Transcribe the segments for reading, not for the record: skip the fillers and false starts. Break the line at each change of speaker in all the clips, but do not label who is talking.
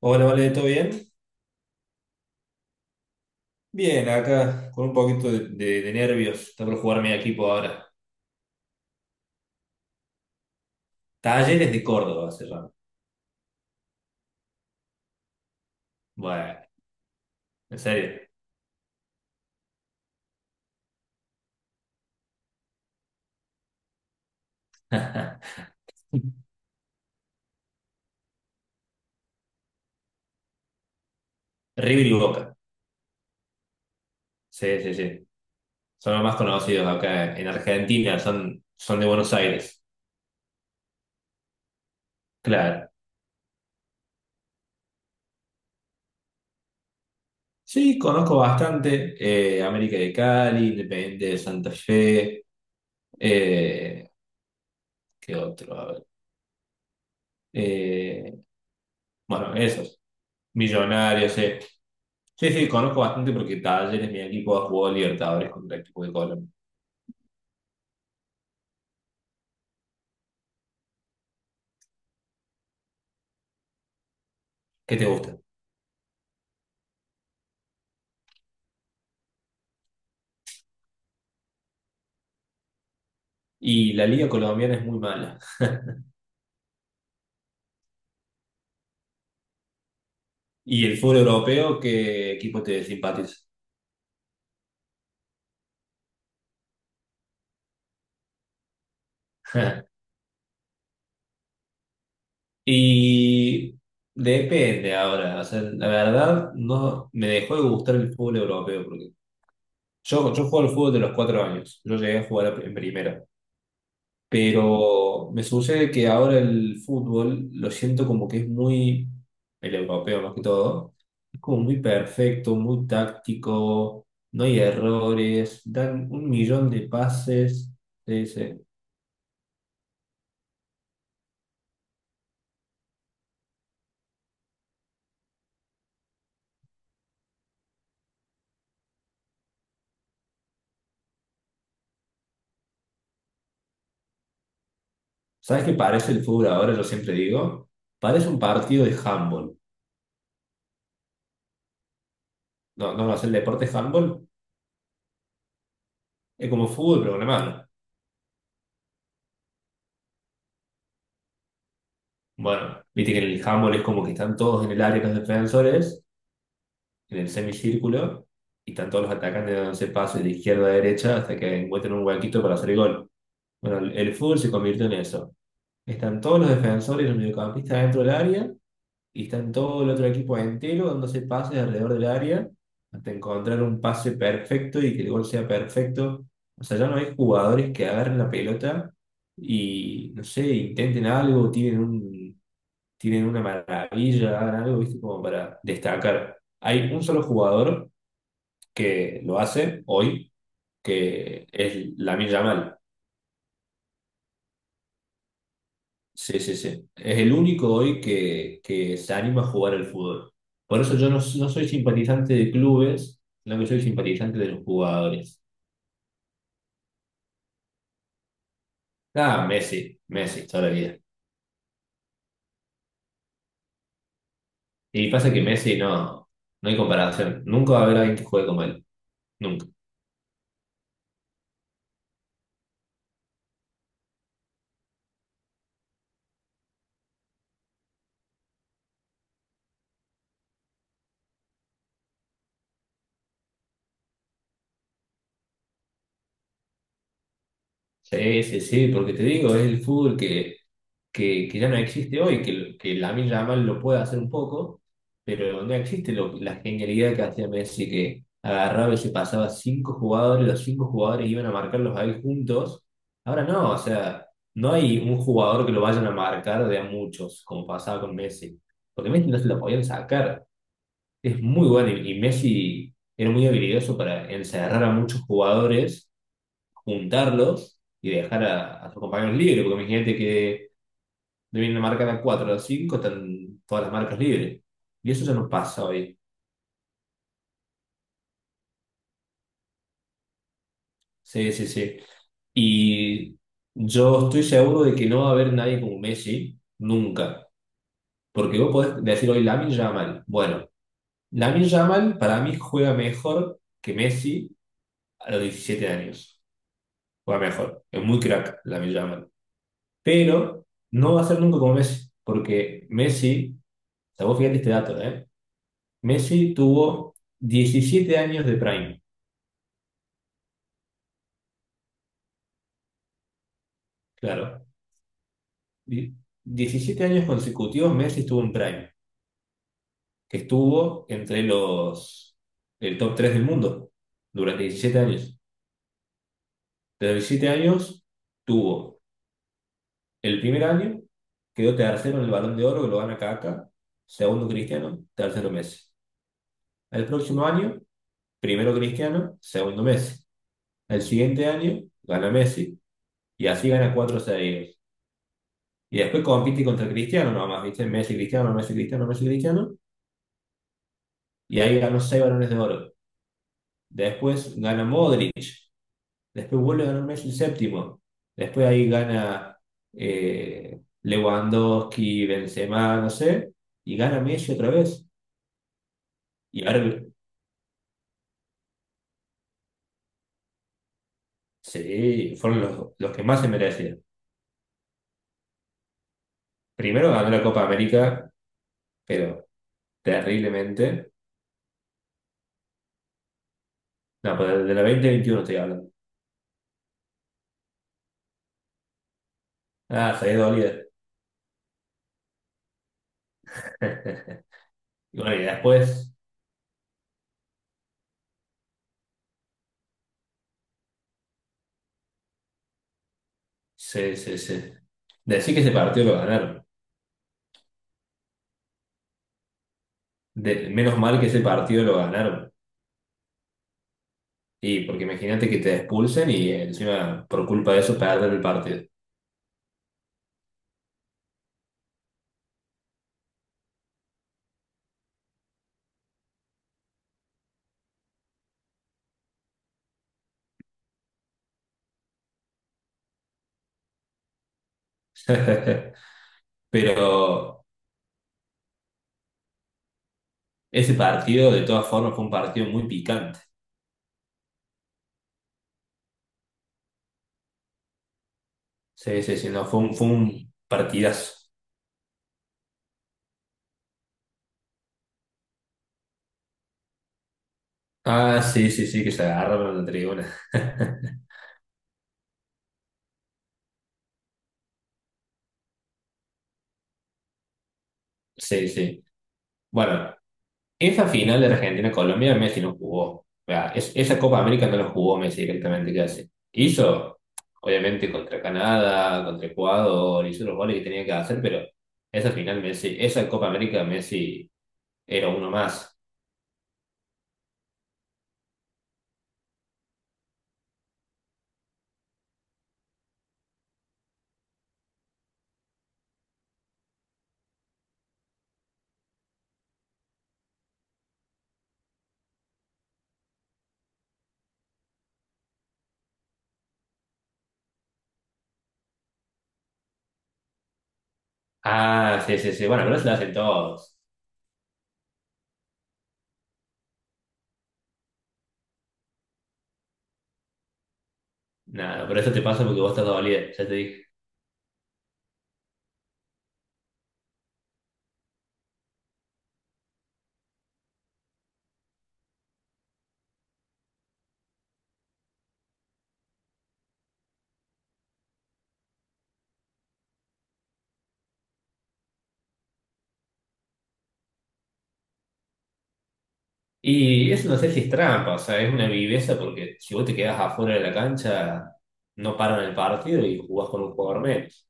Hola, vale, ¿todo bien? Bien, acá con un poquito de nervios. Está por jugar mi equipo ahora. Talleres de Córdoba se llama. Bueno, en serio. River y Boca. Sí, sí, sí. Son los más conocidos acá en Argentina, son de Buenos Aires. Claro. Sí, conozco bastante. América de Cali, Independiente de Santa Fe. eh, ¿Qué otro? Eh, bueno, esos. Millonarios, sí. Sí, sí, conozco bastante porque Talleres, mi equipo, ha jugado Libertadores contra el equipo de Colombia. ¿Qué te gusta? Y la liga colombiana es muy mala. ¿Y el fútbol europeo, qué equipo te simpatiza? Y depende ahora, o sea, la verdad no me dejó de gustar el fútbol europeo porque yo juego al fútbol de los 4 años, yo llegué a jugar en primera. Pero me sucede que ahora el fútbol lo siento como que es muy, el europeo más que todo, es como muy perfecto, muy táctico, no hay errores, dan un millón de pases. Sí, sí. ¿Sabes qué parece el fútbol ahora? Yo siempre digo, parece un partido de handball. No, no, no es el deporte de handball, es como fútbol, pero con la mano. Bueno, viste que en el handball es como que están todos en el área los defensores en el semicírculo y están todos los atacantes dándose pases de izquierda a derecha hasta que encuentren un huequito para hacer gol. Bueno, el fútbol se convirtió en eso. Están todos los defensores y los mediocampistas dentro del área y están todo el otro equipo entero dándose pases alrededor del área hasta encontrar un pase perfecto y que el gol sea perfecto. O sea, ya no hay jugadores que agarren la pelota y, no sé, intenten algo, tienen una maravilla, hagan algo, ¿viste? Como para destacar. Hay un solo jugador que lo hace hoy, que es Lamine Yamal. Sí, sí, sí. Es el único hoy que se anima a jugar al fútbol. Por eso yo no soy simpatizante de clubes, sino que soy simpatizante de los jugadores. Ah, Messi, Messi, toda la vida. Y pasa que Messi no, no hay comparación. Nunca va a haber alguien que juegue como él. Nunca. Sí, sí, sí, porque te digo, es el fútbol que ya no existe hoy, que Lamine Yamal lo puede hacer un poco, pero no existe la genialidad que hacía Messi, que agarraba y se pasaba cinco jugadores, los cinco jugadores iban a marcarlos ahí juntos. Ahora no, o sea, no hay un jugador que lo vayan a marcar de a muchos, como pasaba con Messi, porque Messi no se lo podían sacar. Es muy bueno y Messi era muy habilidoso para encerrar a muchos jugadores, juntarlos y dejar a sus compañeros libres, porque imagínate que de una marca de 4 a 5 están todas las marcas libres. Y eso ya no pasa hoy. Sí, sí, sí. Y yo estoy seguro de que no va a haber nadie como Messi, nunca. Porque vos podés decir hoy Lamine Yamal. Bueno, Lamine Yamal para mí juega mejor que Messi a los 17 años. Juega mejor. Es muy crack Lamine Yamal. Pero no va a ser nunca como Messi. Porque Messi, o sea, vos fíjate este dato, ¿eh? Messi tuvo 17 años de prime. Claro. Di- 17 años consecutivos Messi estuvo en Prime, que estuvo entre los el top 3 del mundo durante 17 años. Desde los 17 años tuvo el primer año, quedó tercero en el Balón de Oro, que lo gana Kaká, segundo Cristiano, tercero Messi. El próximo año, primero Cristiano, segundo Messi. El siguiente año gana Messi y así gana cuatro seguidos. Y después compite contra Cristiano nomás, ¿viste? Messi, Cristiano, Messi, Cristiano, Messi, Cristiano. Y ahí ganó seis balones de oro. Después gana Modric. Después vuelve a ganar Messi el séptimo. Después ahí gana Lewandowski, Benzema, no sé. Y gana Messi otra vez. Y ahora, sí, fueron los que más se merecían. Primero ganó la Copa América, pero terriblemente. No, pero de la 2021 estoy hablando. Ah, se había dolido. Y bueno, y después, se, se, se. Decir que ese partido lo ganaron. Menos mal que ese partido lo ganaron. Y porque imagínate que te expulsen y encima por culpa de eso perder el partido. Pero ese partido de todas formas fue un partido muy picante. Sí, sí, sí, no, fue un partidazo. Ah, sí, sí, sí, que se agarraron en la tribuna. Sí, sí. Bueno, esa final de Argentina-Colombia Messi no jugó. O sea, esa Copa América no la jugó Messi directamente casi. Hizo, obviamente, contra Canadá, contra Ecuador, hizo los goles que tenía que hacer, pero esa final Messi, esa Copa América Messi era uno más. Ah, sí, sí, sí. Bueno, pero eso lo hacen todos. Nada, pero eso te pasa porque vos estás dolida, ya te dije. Y eso no sé si es trampa, o sea, es una viveza porque si vos te quedás afuera de la cancha, no paran el partido y jugás con un jugador menos.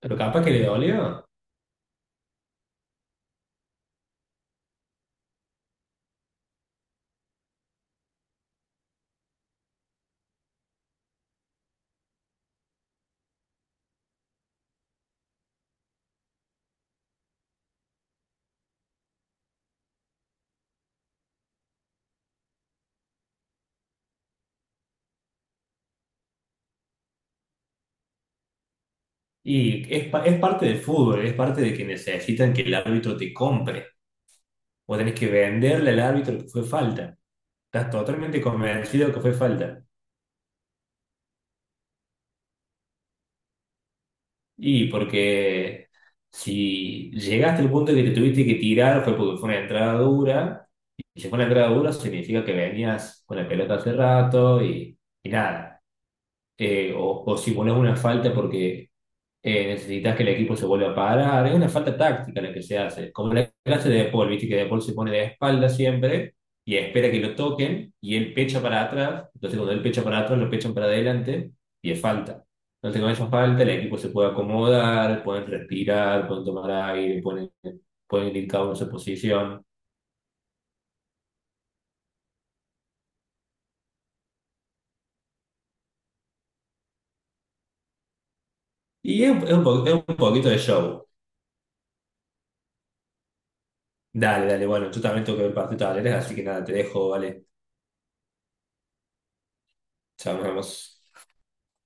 Pero capaz que le dolió. Es parte del fútbol, es parte de que necesitan que el árbitro te compre. Vos tenés que venderle al árbitro que fue falta. Estás totalmente convencido que fue falta. Y porque si llegaste al punto que te tuviste que tirar fue porque fue una entrada dura. Y si fue una entrada dura significa que venías con la pelota hace rato y nada. O si pones una falta porque necesitas que el equipo se vuelva a parar, es una falta táctica la que se hace, como la clase de De Paul, viste que De Paul se pone de espalda siempre y espera que lo toquen y él pecha para atrás, entonces cuando él pecha para atrás lo pechan para adelante y es falta. Entonces con esa falta el equipo se puede acomodar, pueden respirar, pueden tomar aire, pueden ir cada uno a su posición y es un poquito de show. Dale, dale, bueno, yo también tengo que ver partido de Talleres, así que nada, te dejo, vale, chao, nos vemos.